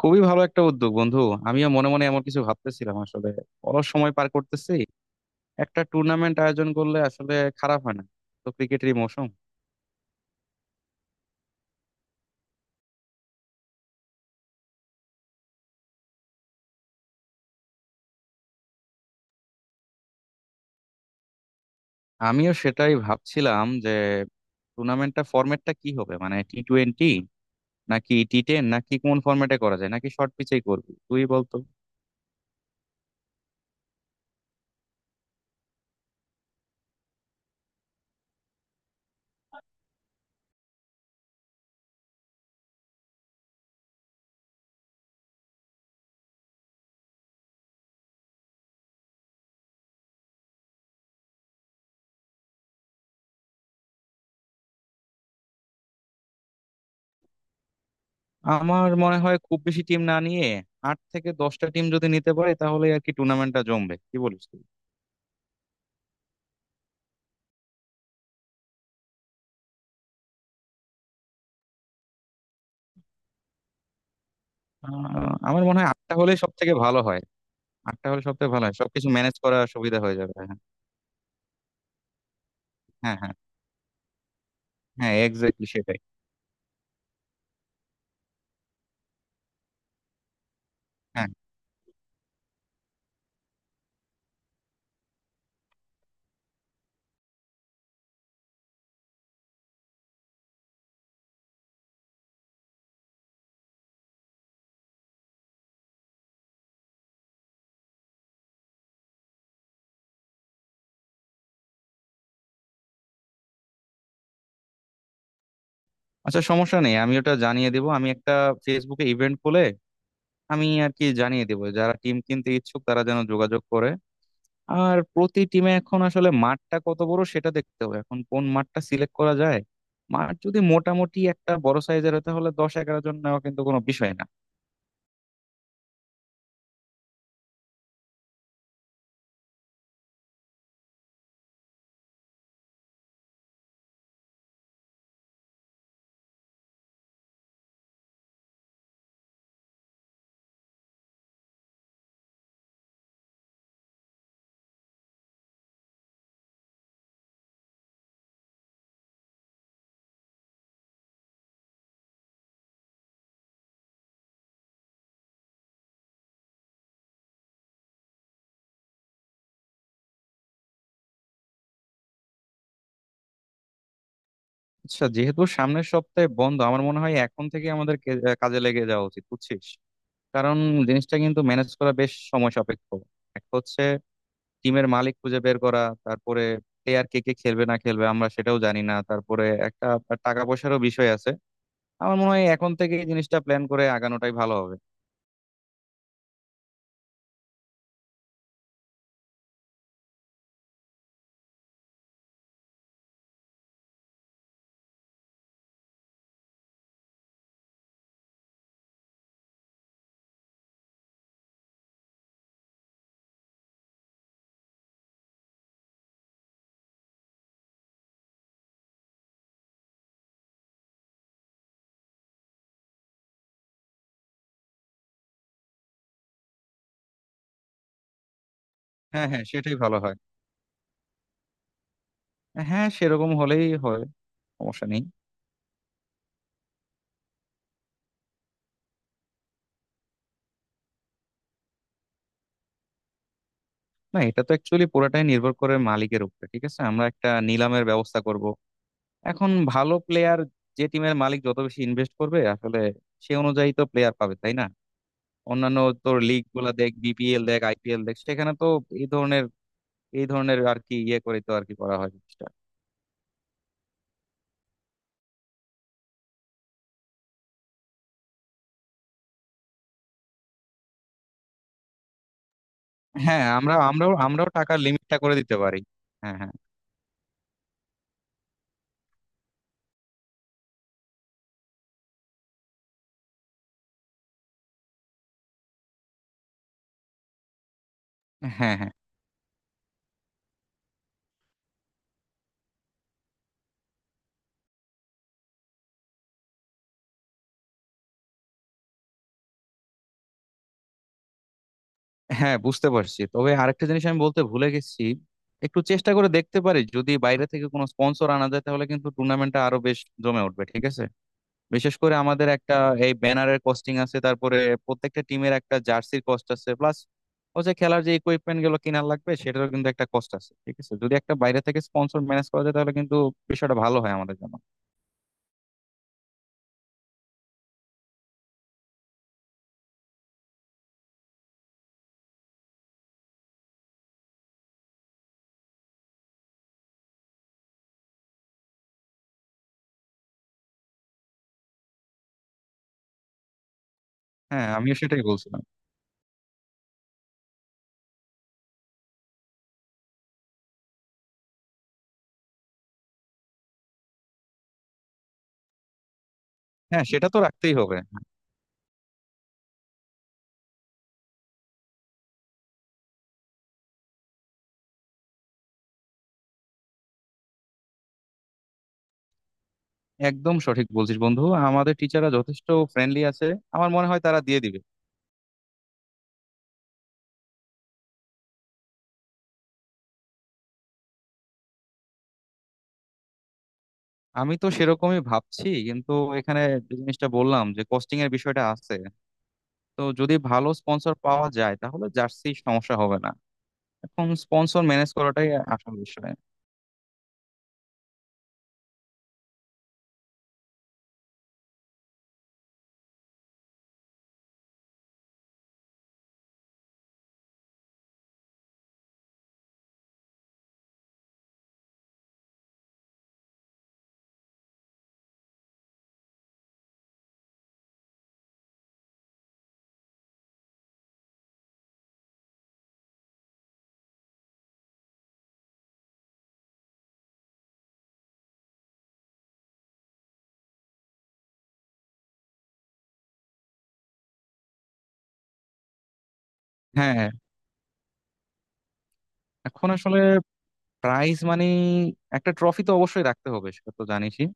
খুবই ভালো একটা উদ্যোগ বন্ধু। আমিও মনে মনে এমন কিছু ভাবতেছিলাম আসলে। অলস সময় পার করতেছি। একটা টুর্নামেন্ট আয়োজন করলে আসলে খারাপ হয় না। তো ক্রিকেটেরই মৌসুম। আমিও সেটাই ভাবছিলাম যে টুর্নামেন্টটা ফরম্যাটটা কি হবে, মানে T20 নাকি T10 নাকি কোন ফরম্যাটে করা যায় নাকি শর্ট পিচেই করবি, তুই বলতো। আমার মনে হয় খুব বেশি টিম না নিয়ে আট থেকে দশটা টিম যদি নিতে পারে তাহলে আর কি টুর্নামেন্টটা জমবে, কি বলিস তুই? আমার মনে হয় আটটা হলে সব থেকে ভালো হয়। আটটা হলে সবথেকে ভালো হয়, সবকিছু ম্যানেজ করা সুবিধা হয়ে যাবে। হ্যাঁ, হ্যাঁ, হ্যাঁ, হ্যাঁ, এক্স্যাক্টলি সেটাই। হ্যাঁ। আচ্ছা, সমস্যা নেই, আমি ওটা জানিয়ে দেবো। আমি একটা ফেসবুকে ইভেন্ট খুলে আমি আর কি জানিয়ে দেবো যারা টিম কিনতে ইচ্ছুক তারা যেন যোগাযোগ করে। আর প্রতি টিমে এখন আসলে মাঠটা কত বড় সেটা দেখতে হবে, এখন কোন মাঠটা সিলেক্ট করা যায়। মাঠ যদি মোটামুটি একটা বড় সাইজের হয় তাহলে দশ এগারো জন নেওয়া কিন্তু কোনো বিষয় না। আচ্ছা, যেহেতু সামনের সপ্তাহে বন্ধ আমার মনে হয় এখন থেকে আমাদের কাজে লেগে যাওয়া উচিত বুঝছিস। কারণ জিনিসটা কিন্তু ম্যানেজ করা বেশ সময় সাপেক্ষ। এক হচ্ছে টিমের মালিক খুঁজে বের করা, তারপরে প্লেয়ার কে কে খেলবে না খেলবে আমরা সেটাও জানি না, তারপরে একটা টাকা পয়সারও বিষয় আছে। আমার মনে হয় এখন থেকে এই জিনিসটা প্ল্যান করে আগানোটাই ভালো হবে। হ্যাঁ, হ্যাঁ, সেটাই ভালো হয়। হ্যাঁ, সেরকম হলেই হয়, সমস্যা নেই। না, এটা তো অ্যাকচুয়ালি পুরোটাই নির্ভর করে মালিকের উপরে। ঠিক আছে, আমরা একটা নিলামের ব্যবস্থা করব। এখন ভালো প্লেয়ার, যে টিমের মালিক যত বেশি ইনভেস্ট করবে আসলে সে অনুযায়ী তো প্লেয়ার পাবে, তাই না? অন্যান্য তোর লিগ গুলা দেখ, বিপিএল দেখ, আইপিএল দেখ, সেখানে তো এই ধরনের আর কি ইয়ে করে তো আর কি করা হয় জিনিসটা। হ্যাঁ, আমরা আমরাও আমরাও টাকার লিমিটটা করে দিতে পারি। হ্যাঁ, হ্যাঁ। হ্যাঁ, হ্যাঁ। হ্যাঁ, বুঝতে পারছি, তবে আরেকটা জিনিস আমি বলতে ভুলে গেছি। একটু চেষ্টা করে দেখতে পারি যদি বাইরে থেকে কোনো স্পন্সর আনা যায় তাহলে কিন্তু টুর্নামেন্টটা আরো বেশ জমে উঠবে, ঠিক আছে। বিশেষ করে আমাদের একটা এই ব্যানারের কস্টিং আছে, তারপরে প্রত্যেকটা টিমের একটা জার্সির কস্ট আছে, প্লাস হচ্ছে খেলার যে ইকুইপমেন্ট গুলো কেনার লাগবে সেটারও কিন্তু একটা কস্ট আছে। ঠিক আছে, যদি একটা বাইরে থেকে স্পন্সর ম্যানেজ করা যায় তাহলে কিন্তু বিষয়টা ভালো হয় আমাদের জন্য। হ্যাঁ, আমিও সেটাই বলছিলাম। হ্যাঁ, সেটা তো রাখতেই হবে। একদম সঠিক বলছিস বন্ধু। আমাদের টিচাররা যথেষ্ট ফ্রেন্ডলি আছে। আমার মনে হয় তারা দিয়ে দিবে। আমি তো সেরকমই ভাবছি, কিন্তু এখানে যে জিনিসটা বললাম যে কস্টিং এর বিষয়টা আছে। তো যদি ভালো স্পন্সর পাওয়া যায় তাহলে জার্সি সমস্যা হবে না। এখন স্পন্সর ম্যানেজ করাটাই আসল বিষয়। হ্যাঁ। এখন আসলে প্রাইজ মানি, একটা ট্রফি তো অবশ্যই রাখতে হবে, সেটা তো জানিসই।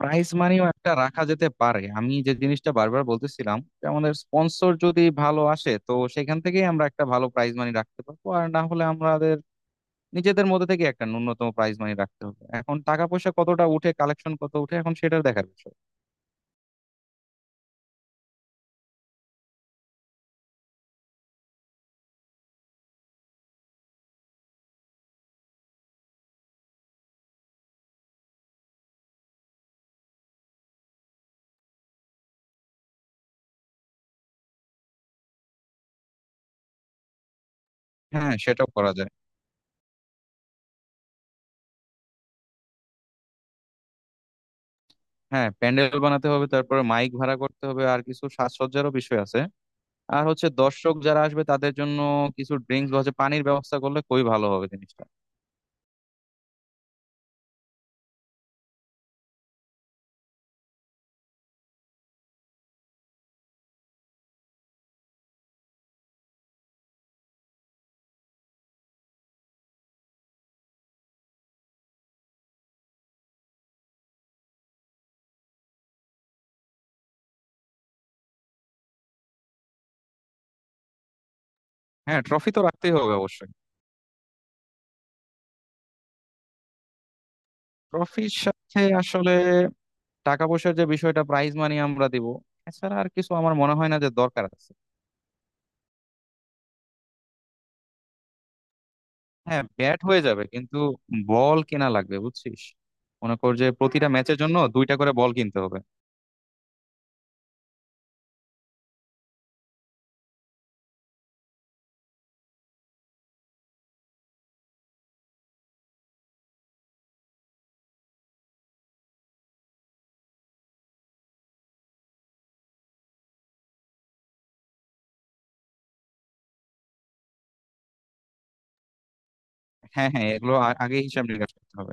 প্রাইজ মানিও একটা রাখা যেতে পারে, আমি যে জিনিসটা বারবার বলতেছিলাম যে আমাদের স্পন্সর যদি ভালো আসে তো সেখান থেকেই আমরা একটা ভালো প্রাইজ মানি রাখতে পারবো, আর না হলে আমাদের নিজেদের মধ্যে থেকে একটা ন্যূনতম প্রাইজ মানি রাখতে হবে। এখন টাকা পয়সা কতটা উঠে, কালেকশন কত উঠে, এখন সেটার দেখার বিষয়। হ্যাঁ, সেটাও করা যায়। হ্যাঁ, প্যান্ডেল বানাতে হবে, তারপরে মাইক ভাড়া করতে হবে, আর কিছু সাজসজ্জারও বিষয় আছে। আর হচ্ছে দর্শক যারা আসবে তাদের জন্য কিছু ড্রিঙ্কস বা হচ্ছে পানির ব্যবস্থা করলে খুবই ভালো হবে জিনিসটা। হ্যাঁ, ট্রফি তো রাখতেই হবে অবশ্যই। ট্রফির সাথে আসলে টাকা পয়সার যে বিষয়টা, প্রাইজ মানি, আমরা দিব। এছাড়া আর কিছু আমার মনে হয় না যে দরকার আছে। হ্যাঁ, ব্যাট হয়ে যাবে কিন্তু বল কেনা লাগবে বুঝছিস। মনে কর যে প্রতিটা ম্যাচের জন্য দুইটা করে বল কিনতে হবে। হ্যাঁ, হ্যাঁ, এগুলো আগে হিসাব নিকাশ করতে হবে।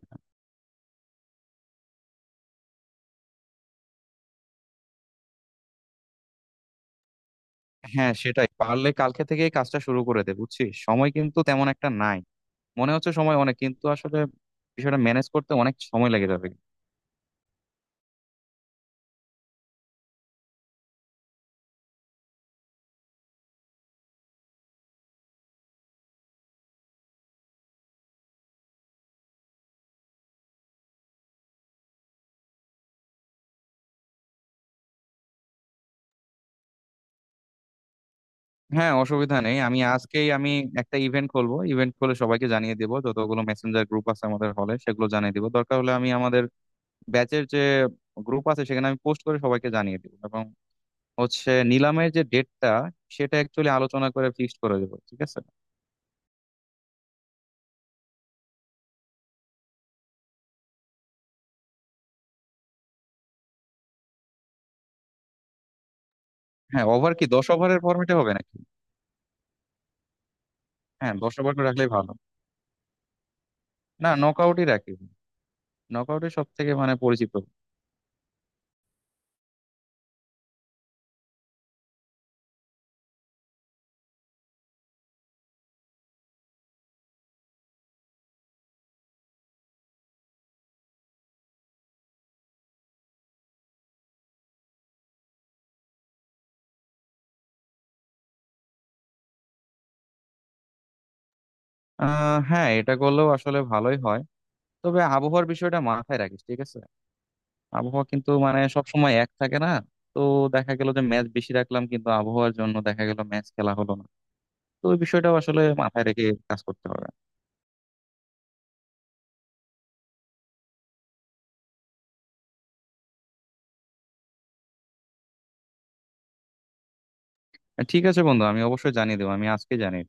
হ্যাঁ, সেটাই, পারলে কালকে থেকেই কাজটা শুরু করে দে বুঝছিস, সময় কিন্তু তেমন একটা নাই। মনে হচ্ছে সময় অনেক কিন্তু আসলে বিষয়টা ম্যানেজ করতে অনেক সময় লেগে যাবে। হ্যাঁ, অসুবিধা নেই, আমি আজকেই আমি একটা ইভেন্ট খুলবো, ইভেন্ট খুলে সবাইকে জানিয়ে দেবো, যতগুলো মেসেঞ্জার গ্রুপ আছে আমাদের হলে সেগুলো জানিয়ে দেবো, দরকার হলে আমি আমাদের ব্যাচের যে গ্রুপ আছে সেখানে আমি পোস্ট করে সবাইকে জানিয়ে দেবো এবং হচ্ছে নিলামের যে ডেটটা সেটা অ্যাকচুয়ালি আলোচনা করে ফিক্সড করে দেবো, ঠিক আছে। হ্যাঁ, ওভার কি 10 ওভারের ফর্মেটে হবে নাকি? হ্যাঁ, দশ ওভার করে রাখলেই ভালো। না, নকআউটই রাখি। নকআউটই সব থেকে মানে পরিচিত। হ্যাঁ, এটা করলেও আসলে ভালোই হয়। তবে আবহাওয়ার বিষয়টা মাথায় রাখিস, ঠিক আছে। আবহাওয়া কিন্তু মানে সব সময় এক থাকে না। তো দেখা গেল যে ম্যাচ বেশি রাখলাম কিন্তু আবহাওয়ার জন্য দেখা গেল ম্যাচ খেলা হলো না। তো ওই বিষয়টাও আসলে মাথায় রেখে কাজ করতে হবে। ঠিক আছে বন্ধু, আমি অবশ্যই জানিয়ে দেবো। আমি আজকে জানিয়ে